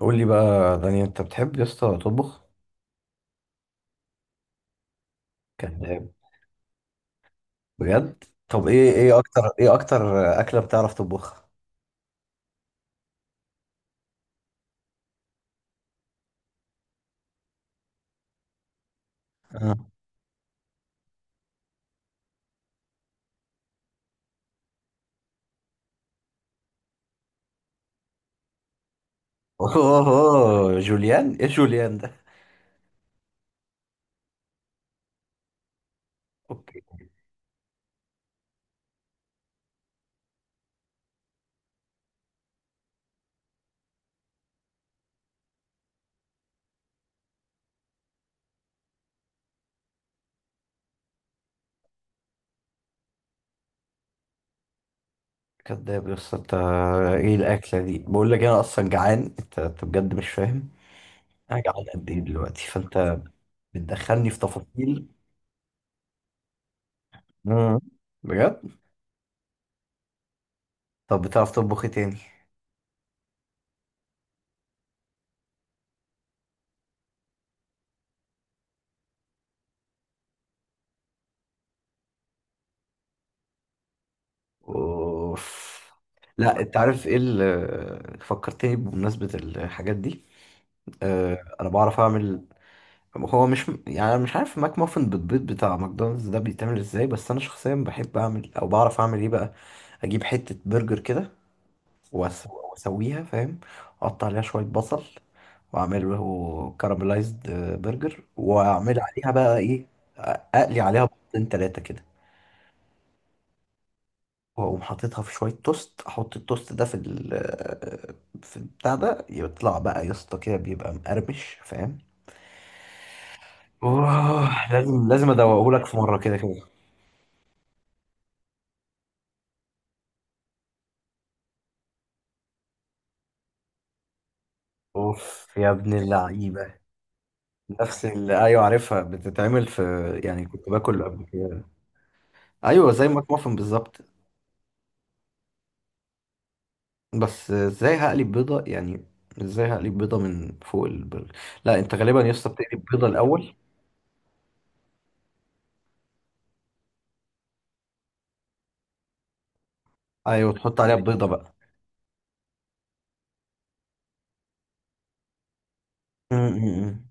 قول لي بقى داني، انت بتحب يا اسطى تطبخ؟ كذاب. بجد؟ طب ايه اكتر اكله بتعرف تطبخها؟ آه. اوه، جوليان؟ ايه جوليان ده؟ اوكي. كذاب يا اسطى انت. ايه الاكله دي؟ بقول لك انا اصلا جعان. انت بجد مش فاهم. انا جعان قد ايه دلوقتي، فانت بتدخلني في تفاصيل. مم. بجد. طب بتعرف تطبخ ايه تاني؟ اوف. لا، انت عارف ايه اللي فكرتني بمناسبه الحاجات دي؟ انا بعرف اعمل. هو، مش يعني، أنا مش عارف ماك مافن بالبيض بتاع ماكدونالدز ده بيتعمل ازاي. بس انا شخصيا بحب اعمل او بعرف اعمل ايه بقى؟ اجيب حتة برجر كده، واسويها، فاهم؟ اقطع عليها شوية بصل، واعمل له كاراميلايزد برجر، واعمل عليها بقى ايه؟ اقلي عليها بيضتين تلاتة كده، واقوم حاططها في شوية توست، احط التوست ده في البتاع ده، يطلع بقى يا اسطى كده، بيبقى مقرمش، فاهم؟ اوه، لازم ادوقهولك في مرة كده كده. اوف يا ابن اللعيبه! نفس اللي، ايوه، عارفها بتتعمل في. يعني كنت باكل قبل كده. ايوه، زي ماك مافن بالظبط. بس ازاي هقلب بيضه يعني؟ ازاي هقلب بيضه من فوق البرجر؟ لا، انت غالبا يا اسطى بتقلب بيضه الاول. ايوه، تحط عليها البيضه بقى. م- م- م.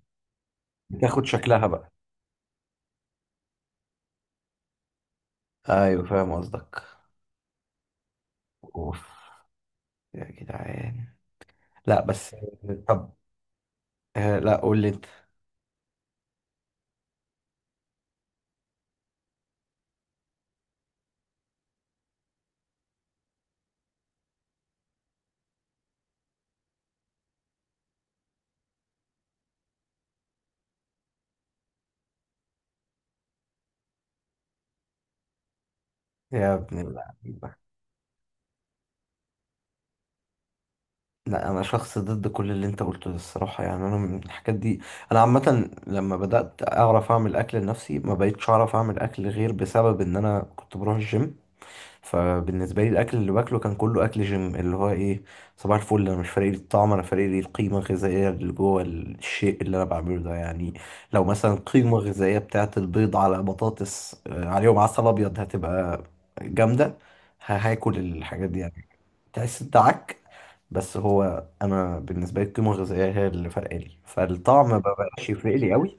بتاخد شكلها بقى. ايوه فاهم قصدك. اوف. يا جدعان! لا بس. طب. لا، قول لي انت. يا ابن اللعيبه! لا، انا شخص ضد كل اللي انت قلته ده الصراحه. يعني انا من الحاجات دي. انا عامه لما بدات اعرف اعمل اكل لنفسي، ما بقيتش اعرف اعمل اكل غير بسبب ان انا كنت بروح الجيم. فبالنسبه لي الاكل اللي باكله كان كله اكل جيم، اللي هو ايه؟ صباح الفل. انا مش فارق لي الطعم، انا فارق لي القيمه الغذائيه اللي جوه الشيء اللي انا بعمله ده يعني. لو مثلا قيمه غذائيه بتاعت البيض على بطاطس، عليهم عسل ابيض، هتبقى جامده. هاكل الحاجات دي يعني. تحس انت عك. بس هو انا بالنسبه لي، القيمه الغذائيه هي اللي فرقالي لي، فالطعم ما بقاش يفرق لي قوي.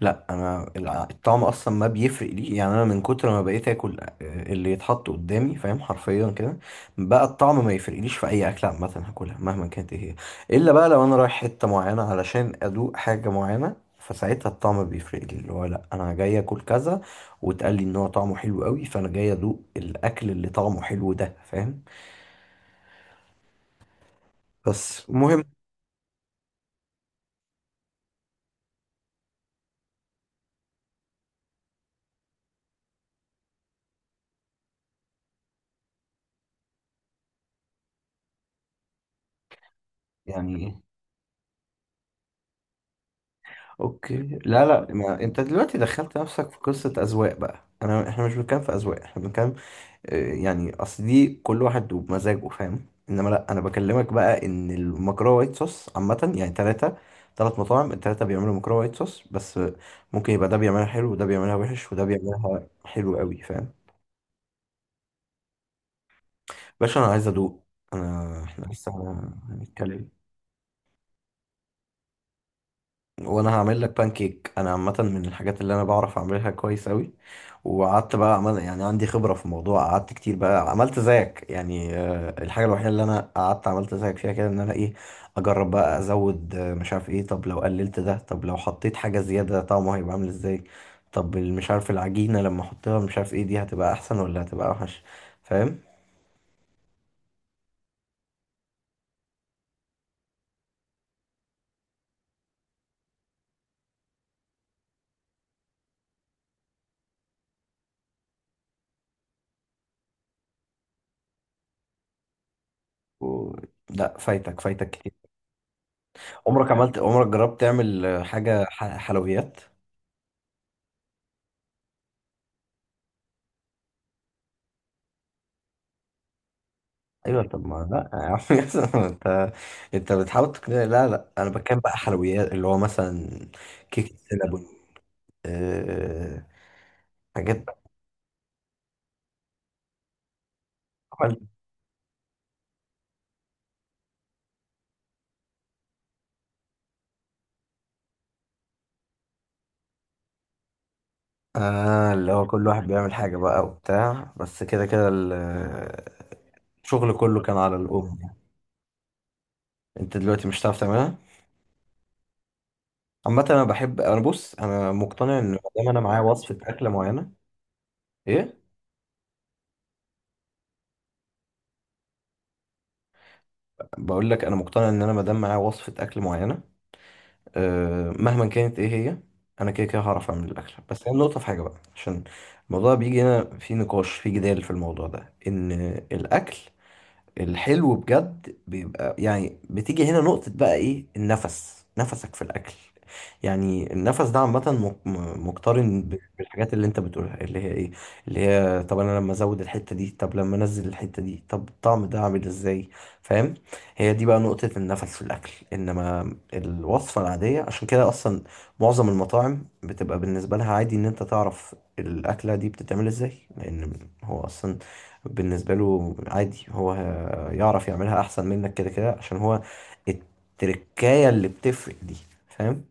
لا، انا الطعم اصلا ما بيفرق لي. يعني انا من كتر ما بقيت اكل، اللي يتحط قدامي، فاهم، حرفيا كده. بقى الطعم ما يفرقليش في اي اكله عامه، هاكلها مهما كانت ايه هي. الا بقى لو انا رايح حته معينه علشان ادوق حاجه معينه، فساعتها الطعم بيفرق لي، اللي هو لا، انا جاي اكل كذا. واتقال لي ان هو طعمه حلو قوي، فانا جاي ادوق الاكل اللي طعمه حلو ده، فاهم؟ بس المهم. يعني إيه؟ اوكي. لا لا، ما انت دلوقتي دخلت نفسك في قصة اذواق بقى، احنا مش بنتكلم في اذواق، احنا بنتكلم. يعني اصل دي كل واحد وبمزاجه، فاهم، انما لا، انا بكلمك بقى ان المكرونة وايت صوص عامة، يعني ثلاث مطاعم، الثلاثة بيعملوا مكرونة وايت صوص، بس ممكن يبقى ده بيعملها حلو وده بيعملها وحش وده بيعملها حلو قوي، فاهم؟ باشا، انا عايز ادوق. احنا لسه هنتكلم. وانا هعمل لك بانكيك. انا عامه من الحاجات اللي انا بعرف اعملها كويس قوي. وقعدت بقى عمل، يعني عندي خبره في الموضوع، قعدت كتير بقى عملت زيك يعني. الحاجه الوحيده اللي انا قعدت عملت زيك فيها كده ان انا ايه؟ اجرب بقى، ازود مش عارف ايه. طب لو قللت ده، طب لو حطيت حاجه زياده، طعمه هيبقى عامل ازاي؟ طب مش عارف العجينه لما احطها مش عارف ايه، دي هتبقى احسن ولا هتبقى اوحش؟ فاهم؟ و... لا، فايتك فايتك كتير. عمرك جربت تعمل حاجه حلويات؟ ايوه، طب ما لا يا عم ياسر، ما انت بتحاول تقنعني. لا لا، انا بتكلم بقى حلويات، اللي هو مثلا كيك السينابون، أه... حاجات بقى. عمل- اللي هو كل واحد بيعمل حاجة بقى وبتاع، بس كده كده الشغل كله كان على الأم يعني. انت دلوقتي مش هتعرف تعملها. عامة انا مقتنع ان ما دام انا معايا وصفة اكلة معينة. ايه؟ بقول لك انا مقتنع ان انا ما دام معايا وصفة اكل معينة، مهما كانت ايه هي. انا كده كده هعرف اعمل الاكل. بس هي النقطه في حاجه بقى، عشان الموضوع بيجي هنا، في نقاش، في جدال في الموضوع ده، ان الاكل الحلو بجد بيبقى، يعني بتيجي هنا نقطة، بقى ايه النفس، نفسك في الأكل. يعني النفس ده عامة مقترن بالحاجات اللي انت بتقولها، اللي هي ايه؟ اللي هي طب انا لما ازود الحتة دي، طب لما انزل الحتة دي، طب الطعم ده عامل ازاي؟ فاهم؟ هي دي بقى نقطة النفس في الأكل. انما الوصفة العادية، عشان كده اصلا معظم المطاعم بتبقى بالنسبة لها عادي ان انت تعرف الأكلة دي بتتعمل ازاي، لأن هو اصلا بالنسبة له عادي، هو يعرف يعملها احسن منك كده كده، عشان هو التركاية اللي بتفرق دي. فاهم؟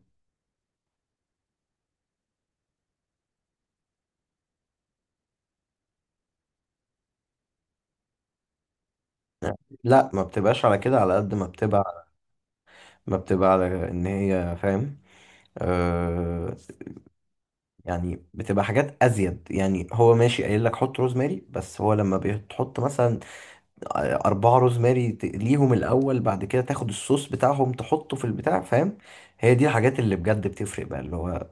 لا، ما بتبقاش على كده، على قد ما بتبقى ما بتبقى على ان هي، فاهم. آه يعني بتبقى حاجات ازيد، يعني هو ماشي قايل لك حط روزماري، بس هو لما بتحط مثلا اربعة روزماري، تقليهم الاول، بعد كده تاخد الصوص بتاعهم تحطه في البتاع، فاهم. هي دي الحاجات اللي بجد بتفرق بقى، اللي هو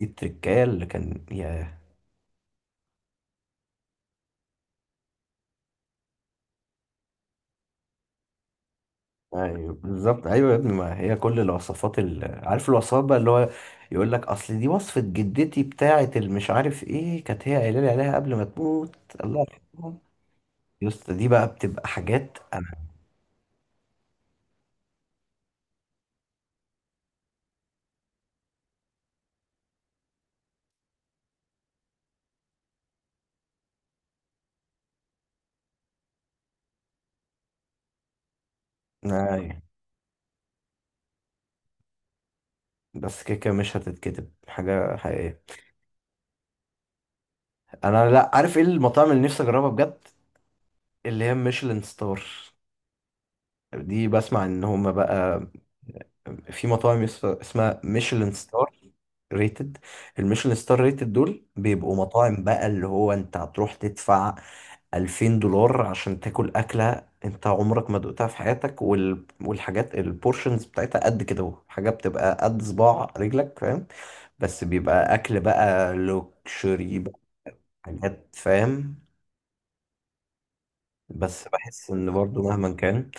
دي التركايه اللي كان. ايوه بالظبط، ايوه يا ابني، ما هي كل الوصفات عارف الوصفات بقى، اللي هو يقول لك اصل دي وصفه جدتي بتاعه المش عارف ايه، كانت هي قايله لي عليها قبل ما تموت. الله يرحمها. يا اسطى دي بقى بتبقى حاجات. انا، أيوة. بس كده كده مش هتتكتب حاجه حقيقيه. انا، لا، عارف ايه المطاعم اللي نفسي اجربها بجد؟ اللي هي ميشلان ستار. دي بسمع ان هما بقى في مطاعم اسمها ميشلان ستار ريتد. الميشلان ستار ريتد دول بيبقوا مطاعم بقى، اللي هو انت هتروح تدفع 2000 دولار عشان تاكل أكلة انت عمرك ما دقتها في حياتك، والحاجات البورشنز بتاعتها قد كده اهو، حاجة بتبقى قد صباع رجلك، فاهم. بس بيبقى أكل بقى لوكشري بقى، حاجات، فاهم. بس بحس ان برضو مهما كان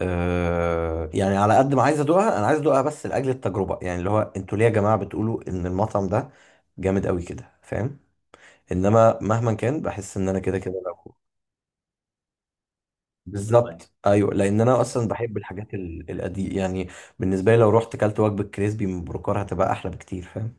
يعني، على قد ما عايز ادوقها انا عايز ادوقها بس لاجل التجربه، يعني اللي هو انتوا ليه يا جماعه بتقولوا ان المطعم ده جامد قوي كده، فاهم. انما مهما كان بحس ان انا كده كده، لو بالظبط، ايوه، لان انا اصلا بحب الحاجات القديمه يعني. بالنسبه لي لو رحت كلت وجبه كريسبي من بروكار هتبقى احلى بكتير، فاهم.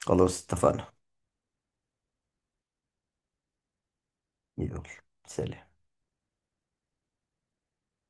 خلاص اتفقنا. يلا. سلام.